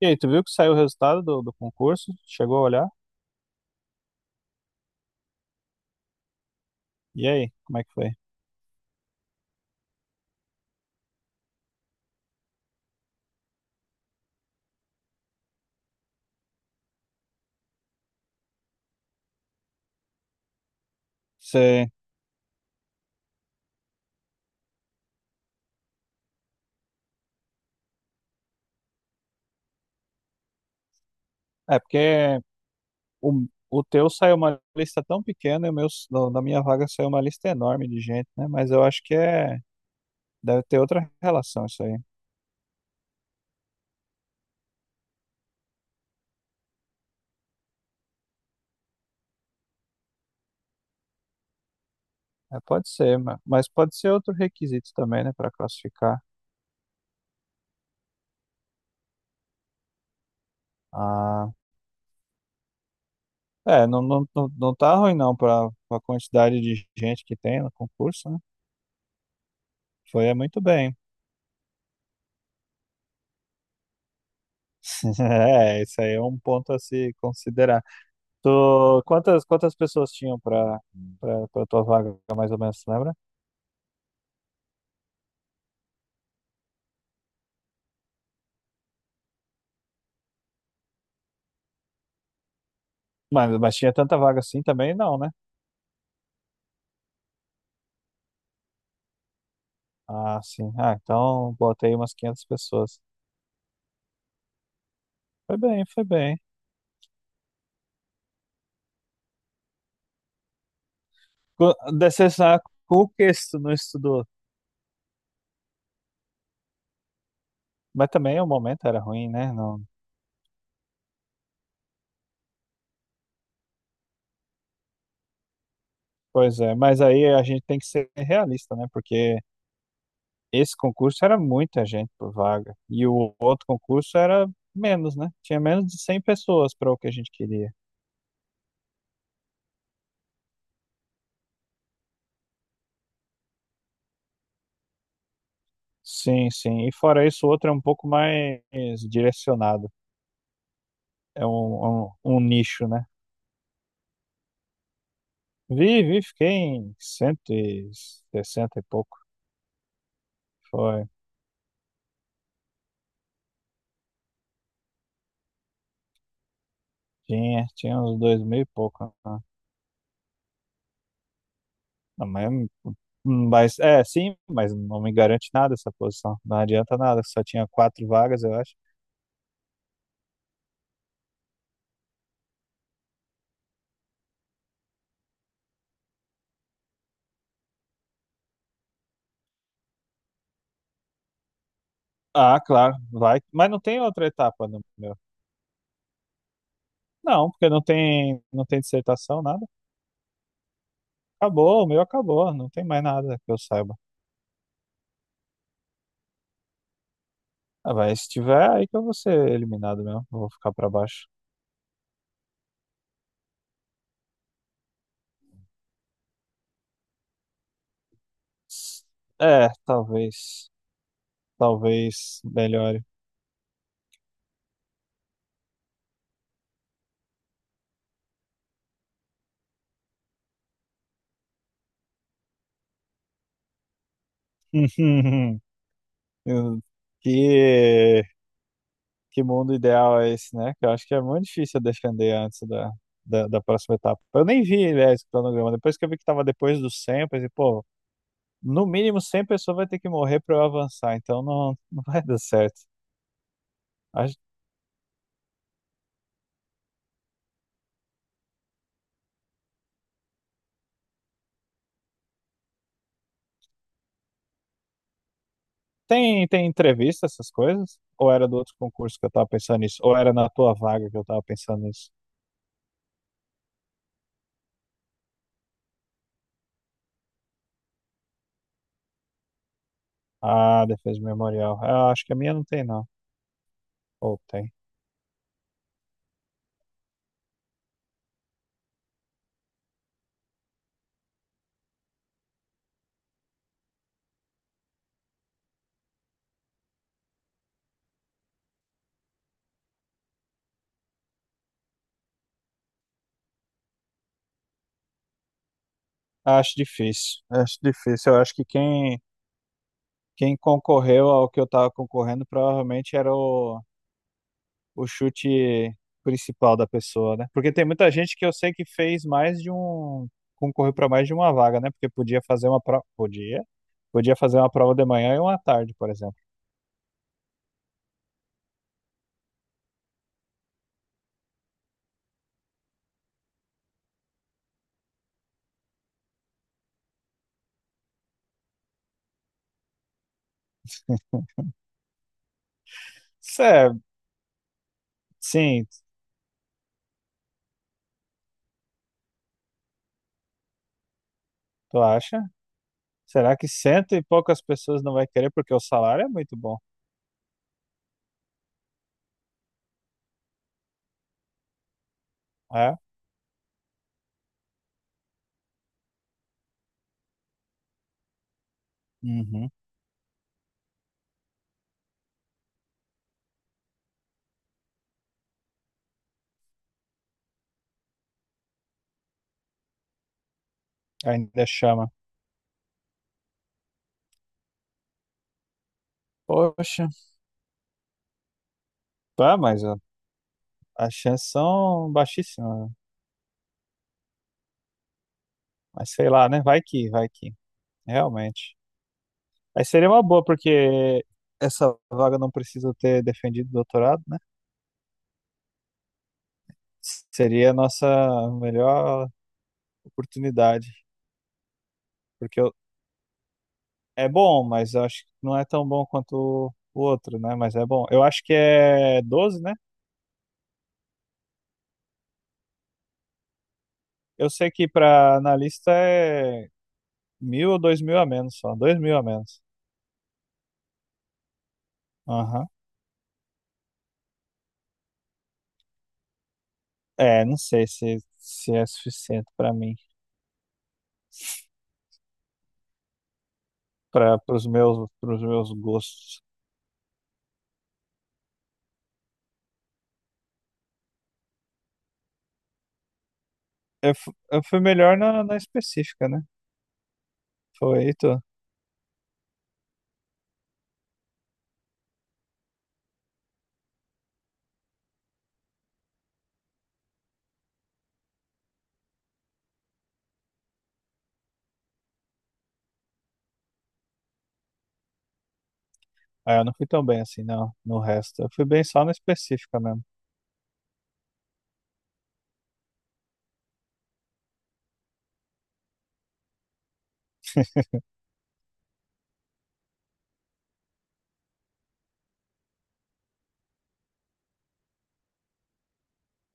E aí, tu viu que saiu o resultado do concurso? Chegou a olhar? E aí, como é que foi? Você... É porque o, o teu saiu uma lista tão pequena e o meu, na minha vaga saiu uma lista enorme de gente, né? Mas eu acho que é... deve ter outra relação isso aí. É, pode ser, mas pode ser outro requisito também, né, para classificar. Ah, é, não tá ruim não para a quantidade de gente que tem no concurso, né? Foi é muito bem. É, isso aí é um ponto a se considerar. Tu, quantas pessoas tinham pra tua vaga, mais ou menos, tu lembra? Mas tinha tanta vaga assim também? Não, né? Ah, sim. Ah, então botei umas 500 pessoas. Foi bem. Desse saco, o que tu não estudou? Mas também o momento era ruim, né? Não. Pois é, mas aí a gente tem que ser realista, né? Porque esse concurso era muita gente por vaga. E o outro concurso era menos, né? Tinha menos de 100 pessoas para o que a gente queria. Sim, sim. E fora isso, o outro é um pouco mais direcionado. É um, é um, um nicho, né? Vi, vi, fiquei em cento e sessenta e pouco. Foi. Tinha, tinha uns dois mil e pouco. Né? Não, mas não me garante nada essa posição. Não adianta nada, só tinha quatro vagas, eu acho. Ah, claro, vai. Mas não tem outra etapa no meu. Não, porque não tem dissertação, nada. Acabou, o meu acabou, não tem mais nada que eu saiba. Ah, vai, se tiver, aí que eu vou ser eliminado mesmo. Eu vou ficar pra baixo. S- É, talvez. Talvez melhore. Eu- Que, que mundo ideal é esse, né? Que eu acho que é muito difícil defender antes da próxima etapa. Eu nem vi, aliás, o cronograma. Depois que eu vi que tava depois dos 100, eu pensei, pô, no mínimo 100 pessoas vai ter que morrer pra eu avançar. Então não, não vai dar certo. Acho. Tem, tem entrevista, essas coisas? Ou era do outro concurso que eu tava pensando nisso? Ou era na tua vaga que eu tava pensando nisso? Ah, defesa memorial. Ah, acho que a minha não tem, não. Ou tem. Acho difícil. Acho difícil. Eu acho que quem concorreu ao que eu tava concorrendo provavelmente era o chute principal da pessoa, né? Porque tem muita gente que eu sei que fez mais de um. Concorreu para mais de uma vaga, né? Porque podia fazer uma prova. Podia. Podia fazer uma prova de manhã e uma à tarde, por exemplo. Isso é, sim. Tu acha? Será que cento e poucas pessoas não vai querer porque o salário é muito bom? É? Uhum. Ainda chama. Poxa. Tá, mas ó, as chances são baixíssimas. Né? Mas sei lá, né? Vai que, vai que. Realmente. Aí seria uma boa, porque essa vaga não precisa ter defendido doutorado, né? Seria a nossa melhor oportunidade. Porque eu- É bom, mas eu acho que não é tão bom quanto o outro, né? Mas é bom. Eu acho que é 12, né? Eu sei que para analista é mil ou dois mil a menos só, dois mil a menos. Aham. É, não sei se, se é suficiente para mim, para os meus, pros meus gostos. Eu fui melhor na específica, né? Foi tu? Ah, eu não fui tão bem assim, não, no resto. Eu fui bem só na específica mesmo.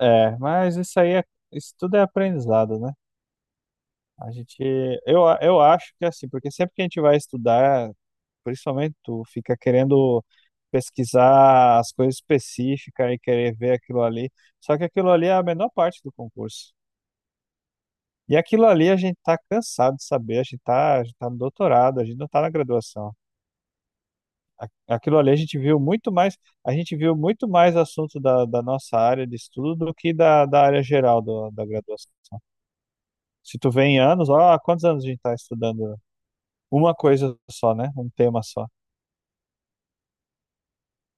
É, mas isso aí é, isso tudo é aprendizado, né? A gente, eu, a- Eu acho que é assim, porque sempre que a gente vai estudar. Principalmente tu fica querendo pesquisar as coisas específicas e querer ver aquilo ali. Só que aquilo ali é a menor parte do concurso. E aquilo ali a gente tá cansado de saber, a gente tá no doutorado, a gente não tá na graduação. A- Aquilo ali a gente viu muito mais, a gente viu muito mais assunto da nossa área de estudo do que da área geral da graduação. Se tu vê em anos, ó, há quantos anos a gente tá estudando uma coisa só, né? Um tema só.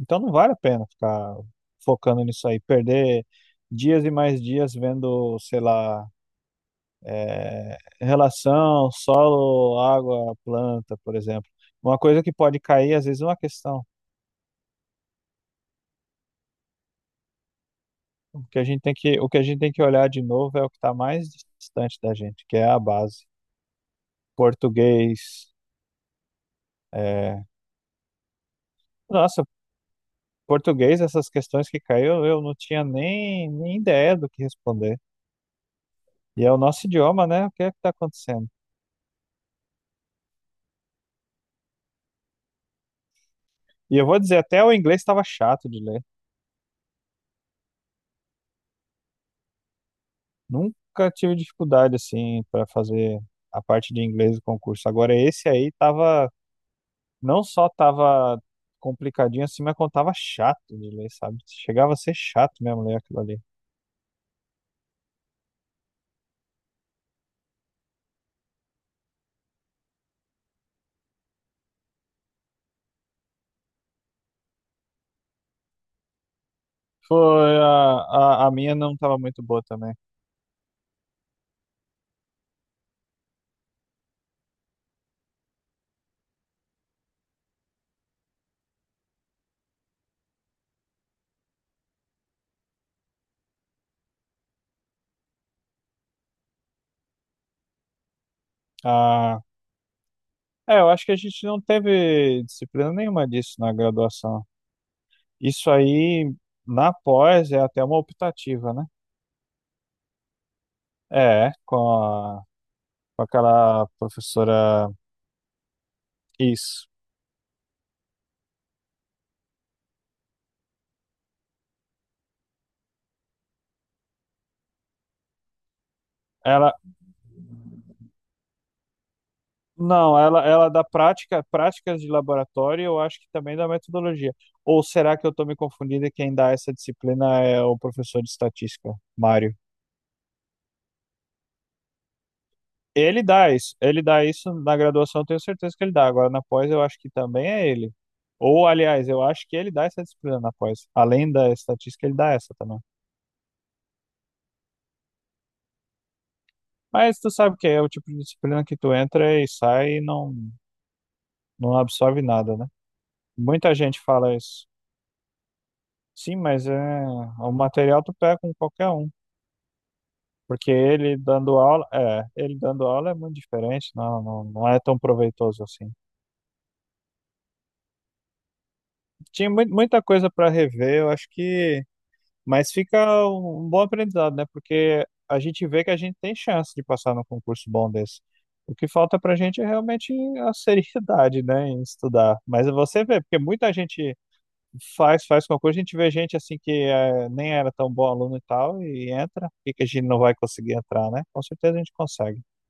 Então não vale a pena ficar focando nisso aí, perder dias e mais dias vendo, sei lá, é, relação, solo, água, planta, por exemplo. Uma coisa que pode cair, às vezes, é uma questão. O que a gente tem que, o que a gente tem que olhar de novo é o que está mais distante da gente, que é a base. Português. É. Nossa, português, essas questões que caiu, eu não tinha nem ideia do que responder. E é o nosso idioma, né? O que é que está acontecendo? E eu vou dizer, até o inglês estava chato de ler. Nunca tive dificuldade assim para fazer a parte de inglês do concurso. Agora esse aí tava, não só tava complicadinho assim, mas como tava chato de ler, sabe? Chegava a ser chato mesmo ler aquilo ali. Foi a minha não estava muito boa também. Ah, é, eu acho que a gente não teve disciplina nenhuma disso na graduação. Isso aí na pós é até uma optativa, né? É, com aquela professora. Isso. Ela, não, ela dá prática, práticas de laboratório e eu acho que também dá metodologia. Ou será que eu estou me confundindo e quem dá essa disciplina é o professor de estatística, Mário? Ele dá isso na graduação, eu tenho certeza que ele dá. Agora na pós eu acho que também é ele. Ou, aliás, eu acho que ele dá essa disciplina na pós. Além da estatística, ele dá essa também. Mas tu sabe que é o tipo de disciplina que tu entra e sai e não absorve nada, né? Muita gente fala isso. Sim, mas é, o material tu pega com qualquer um, porque ele dando aula, é, ele dando aula é muito diferente, não é tão proveitoso assim. Tinha muita coisa para rever, eu acho que, mas fica um bom aprendizado, né? Porque a gente vê que a gente tem chance de passar num concurso bom desse. O que falta pra gente é realmente a seriedade, né, em estudar. Mas você vê, porque muita gente faz com a. A gente vê gente assim que eh, nem era tão bom aluno e tal, e entra. Por que que a gente não vai conseguir entrar, né? Com certeza a gente consegue.